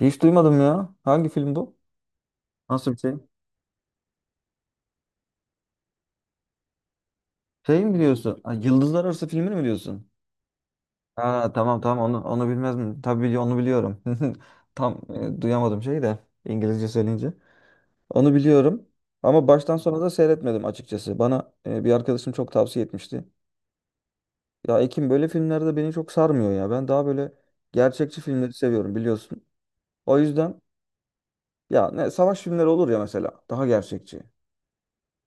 Hiç duymadım ya. Hangi film bu? Nasıl bir şey? Şey mi diyorsun? Ha, Yıldızlar Arası filmini mi diyorsun? Ha tamam tamam onu bilmez mi? Tabii onu biliyorum. Tam duyamadım şeyi de İngilizce söyleyince. Onu biliyorum ama baştan sona da seyretmedim açıkçası. Bana bir arkadaşım çok tavsiye etmişti. Ya Ekim böyle filmlerde beni çok sarmıyor ya. Ben daha böyle gerçekçi filmleri seviyorum biliyorsun. O yüzden ya ne savaş filmleri olur ya mesela daha gerçekçi.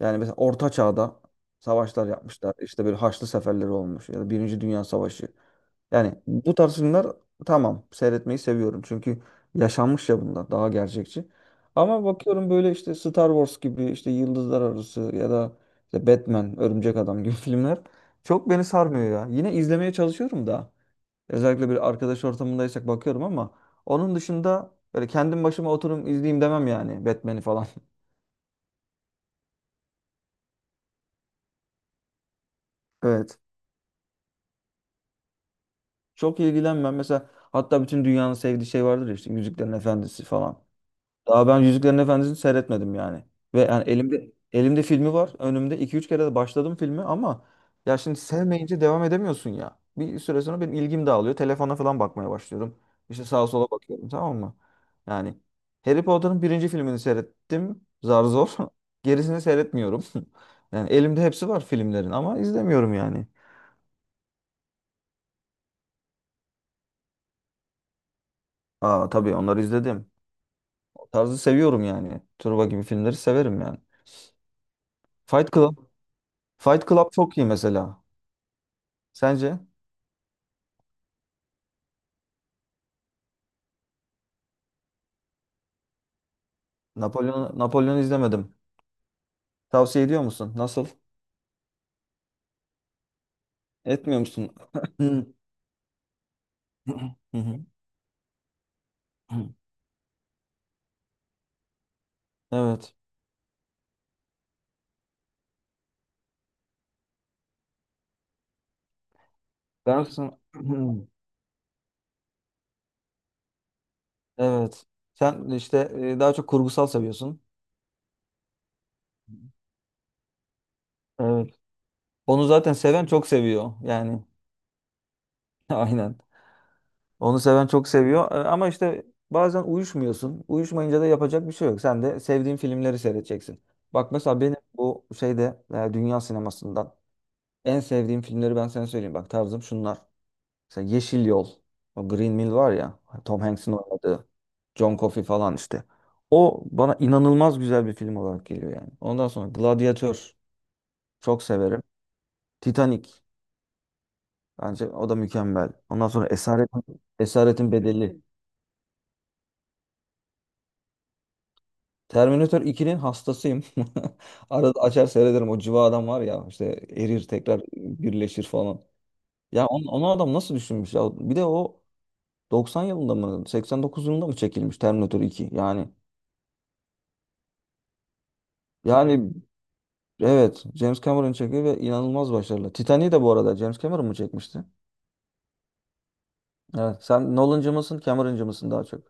Yani mesela Orta Çağ'da savaşlar yapmışlar. İşte böyle Haçlı Seferleri olmuş ya da Birinci Dünya Savaşı. Yani bu tarz filmler tamam seyretmeyi seviyorum. Çünkü yaşanmış ya bunlar daha gerçekçi. Ama bakıyorum böyle işte Star Wars gibi işte Yıldızlar Arası ya da işte Batman, Örümcek Adam gibi filmler çok beni sarmıyor ya. Yine izlemeye çalışıyorum da. Özellikle bir arkadaş ortamındaysak bakıyorum ama onun dışında böyle kendim başıma oturup izleyeyim demem yani Batman'i falan. Evet. Çok ilgilenmem. Mesela hatta bütün dünyanın sevdiği şey vardır ya işte Yüzüklerin Efendisi falan. Daha ben Yüzüklerin Efendisi'ni seyretmedim yani. Ve yani elimde filmi var. Önümde iki üç kere de başladım filmi ama ya şimdi sevmeyince devam edemiyorsun ya. Bir süre sonra benim ilgim dağılıyor. Telefona falan bakmaya başlıyorum. İşte sağa sola bakıyorum, tamam mı? Yani Harry Potter'ın birinci filmini seyrettim. Zar zor. Gerisini seyretmiyorum. Yani elimde hepsi var filmlerin ama izlemiyorum yani. Aa tabii onları izledim. Tarzı seviyorum yani. Turba gibi filmleri severim yani. Fight Club. Fight Club çok iyi mesela. Sence? Napolyon izlemedim. Tavsiye ediyor musun? Nasıl? Etmiyor musun? Hı hı. Evet. Dersin. Evet. Sen işte daha çok kurgusal seviyorsun. Evet. Onu zaten seven çok seviyor yani. Aynen. Onu seven çok seviyor. E, ama işte bazen uyuşmuyorsun. Uyuşmayınca da yapacak bir şey yok. Sen de sevdiğin filmleri seyredeceksin. Bak mesela benim bu şeyde dünya sinemasından en sevdiğim filmleri ben sana söyleyeyim. Bak tarzım şunlar. Mesela Yeşil Yol. O Green Mile var ya. Tom Hanks'in oynadığı. John Coffey falan işte. O bana inanılmaz güzel bir film olarak geliyor yani. Ondan sonra Gladiator. Çok severim. Titanic. Bence o da mükemmel. Ondan sonra Esaretin Bedeli. Terminator 2'nin hastasıyım. Arada açar seyrederim. O cıva adam var ya işte erir tekrar birleşir falan. Ya onu adam nasıl düşünmüş ya? Bir de o 90 yılında mı 89 yılında mı çekilmiş Terminator 2? yani evet James Cameron çekiyor ve inanılmaz başarılı. Titanic'i de bu arada James Cameron mu çekmişti? Evet. Sen Nolan'cı mısın, Cameron'cı mısın daha çok?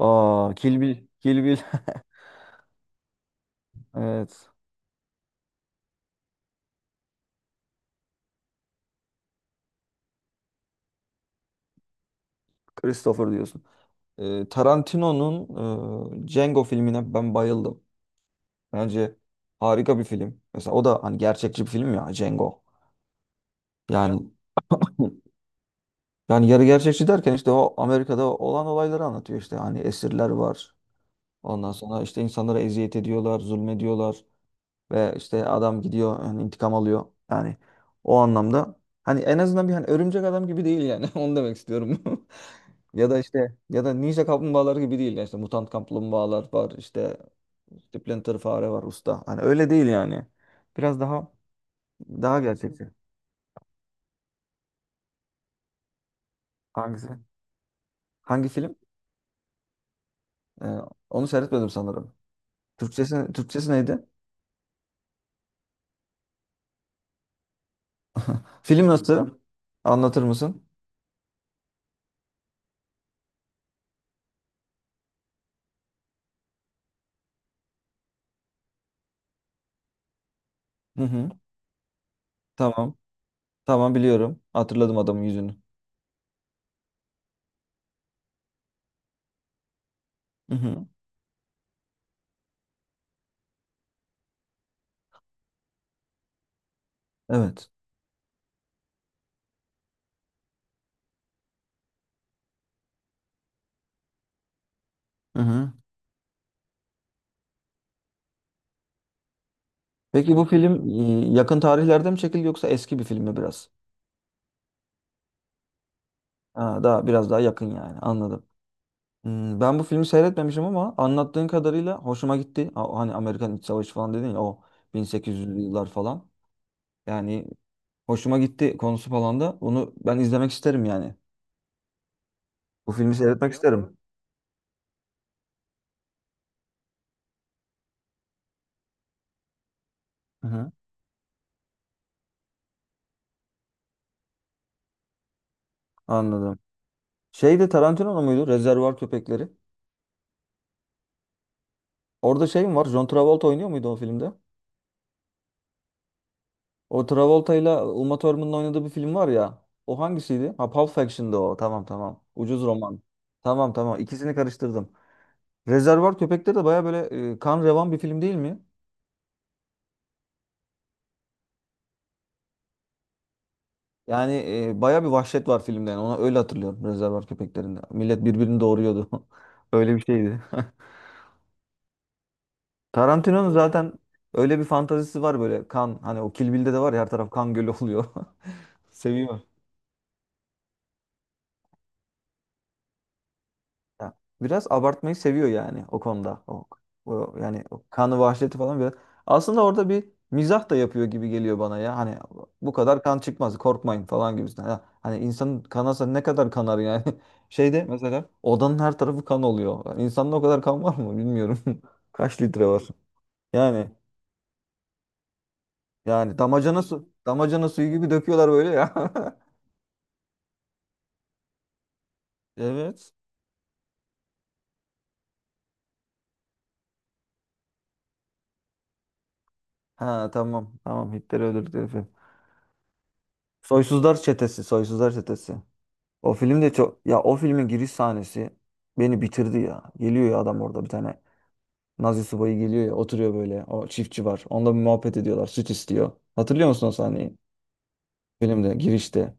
Aa, Kill Bill. Kill Bill. Evet. Christopher diyorsun. Tarantino'nun Django filmine ben bayıldım. Bence harika bir film. Mesela o da hani gerçekçi bir film ya Django. Yani yani yarı gerçekçi derken işte o Amerika'da olan olayları anlatıyor işte. Hani esirler var. Ondan sonra işte insanlara eziyet ediyorlar, zulmediyorlar ve işte adam gidiyor hani intikam alıyor. Yani o anlamda hani en azından bir hani örümcek adam gibi değil yani. Onu demek istiyorum. Ya da ninja kaplumbağaları gibi değil yani işte mutant kaplumbağalar var işte Splinter fare var usta. Hani öyle değil yani. Biraz daha. Daha gerçekçi. Hangisi? Hangi film? Ee, onu seyretmedim sanırım. Türkçesi neydi? Film nasıl? Anlatır mısın? Hı hı. Tamam. Tamam, biliyorum. Hatırladım adamın yüzünü. Hı hı. Evet. Hı hı. Peki bu film yakın tarihlerde mi çekildi yoksa eski bir film mi biraz? Ha, daha biraz daha yakın yani. Anladım. Hmm, ben bu filmi seyretmemişim ama anlattığın kadarıyla hoşuma gitti. Ha, hani Amerikan İç Savaşı falan dedin ya o 1800'lü yıllar falan. Yani hoşuma gitti konusu falan da. Onu ben izlemek isterim yani. Bu filmi seyretmek isterim. Hı hı. Anladım. Şey de Tarantino muydu? Rezervuar Köpekleri. Orada şey mi var? John Travolta oynuyor muydu o filmde? O Travolta ile Uma Thurman'ın oynadığı bir film var ya. O hangisiydi? Ha, Pulp Fiction'dı o. Tamam tamam. Ucuz roman. Tamam tamam. İkisini karıştırdım. Rezervuar Köpekleri de baya böyle kan revan bir film değil mi? Yani baya bir vahşet var filmde. Yani. Ona öyle hatırlıyorum Rezervuar Köpekleri'nde. Millet birbirini doğuruyordu. Öyle bir şeydi. Tarantino'nun zaten öyle bir fantazisi var böyle kan, hani o Kill Bill'de de var ya her taraf kan gölü oluyor. Seviyor. Ya, biraz abartmayı seviyor yani o konuda. O kanı vahşeti falan biraz. Aslında orada bir mizah da yapıyor gibi geliyor bana ya. Hani bu kadar kan çıkmaz korkmayın falan gibisinden. Ya, hani insanın kanasa ne kadar kanar yani. Şeyde mesela odanın her tarafı kan oluyor. Yani İnsanda o kadar kan var mı bilmiyorum. Kaç litre var? Yani damacana su, damacana suyu gibi döküyorlar böyle ya. Evet. Ha tamam. Tamam, Hitler öldürdükleri film. Soysuzlar Çetesi. Soysuzlar Çetesi. O film de çok... Ya o filmin giriş sahnesi beni bitirdi ya. Geliyor ya adam orada bir tane. Nazi subayı geliyor ya, oturuyor böyle. O çiftçi var. Onunla bir muhabbet ediyorlar. Süt istiyor. Hatırlıyor musun o sahneyi? Filmde girişte.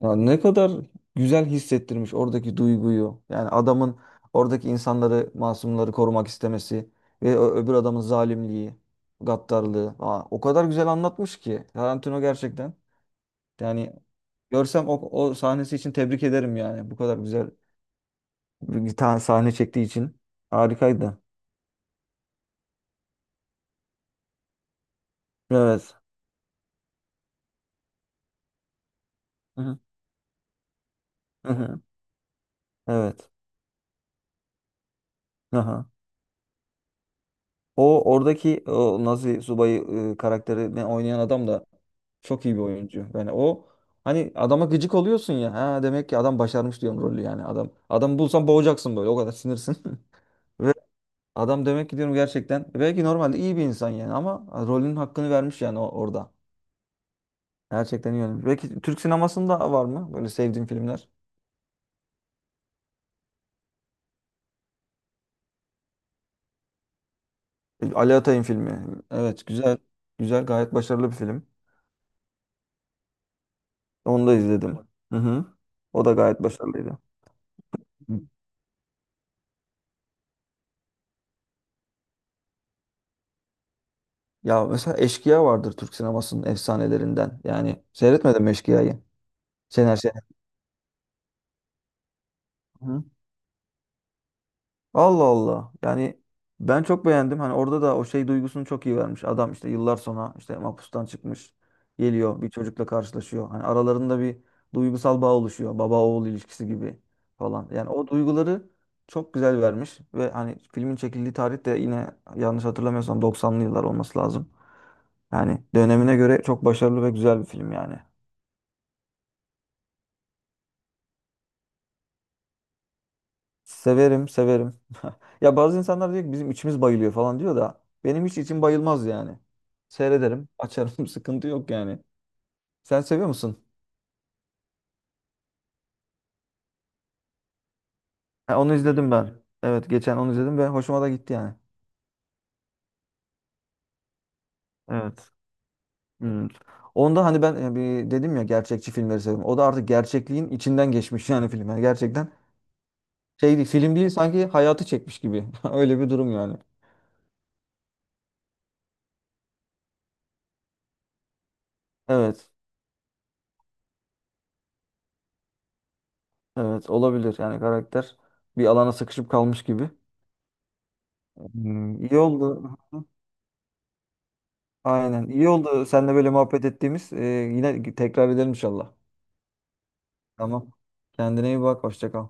Ya ne kadar güzel hissettirmiş oradaki duyguyu. Yani adamın oradaki insanları, masumları korumak istemesi ve öbür adamın zalimliği, gaddarlığı. Aa, o kadar güzel anlatmış ki Tarantino gerçekten. Yani görsem o sahnesi için tebrik ederim yani. Bu kadar güzel bir tane sahne çektiği için. Harikaydı. Evet. Hı hı. Hı hı. Evet. Aha. O oradaki o Nazi subayı karakterini oynayan adam da çok iyi bir oyuncu. Yani o hani adama gıcık oluyorsun ya. Ha, demek ki adam başarmış, diyorum rolü yani adam. Adam bulsan boğacaksın böyle, o kadar sinirsin. Ve adam demek ki diyorum gerçekten, belki normalde iyi bir insan yani ama rolünün hakkını vermiş yani orada. Gerçekten iyi oynamış. Belki Türk sinemasında var mı böyle sevdiğin filmler? E, Ali Atay'ın filmi. Evet, güzel. Güzel, gayet başarılı bir film. Onu da izledim. Hı hı. O da gayet başarılıydı. Ya mesela Eşkıya vardır Türk sinemasının efsanelerinden. Yani seyretmedim mi Eşkıya'yı? Şener Şener. Hı. Allah Allah. Yani ben çok beğendim. Hani orada da o şey duygusunu çok iyi vermiş. Adam işte yıllar sonra işte mahpustan çıkmış. Geliyor, bir çocukla karşılaşıyor. Hani aralarında bir duygusal bağ oluşuyor. Baba oğul ilişkisi gibi falan. Yani o duyguları çok güzel vermiş. Ve hani filmin çekildiği tarih de yine yanlış hatırlamıyorsam 90'lı yıllar olması lazım. Yani dönemine göre çok başarılı ve güzel bir film yani. Severim, severim. Ya bazı insanlar diyor ki bizim içimiz bayılıyor falan diyor da benim hiç içim bayılmaz yani. Seyrederim, açarım, sıkıntı yok yani. Sen seviyor musun? Ha, onu izledim ben. Evet, geçen onu izledim ve hoşuma da gitti yani. Evet. Hmm. Onda hani ben bir dedim ya, gerçekçi filmleri seviyorum. O da artık gerçekliğin içinden geçmiş yani film. Yani gerçekten şey değil, film değil, sanki hayatı çekmiş gibi. Öyle bir durum yani. Evet. Evet, olabilir yani karakter bir alana sıkışıp kalmış gibi. Hmm, iyi oldu. Aynen. İyi oldu seninle böyle muhabbet ettiğimiz. Yine tekrar edelim inşallah. Tamam. Kendine iyi bak. Hoşça kal.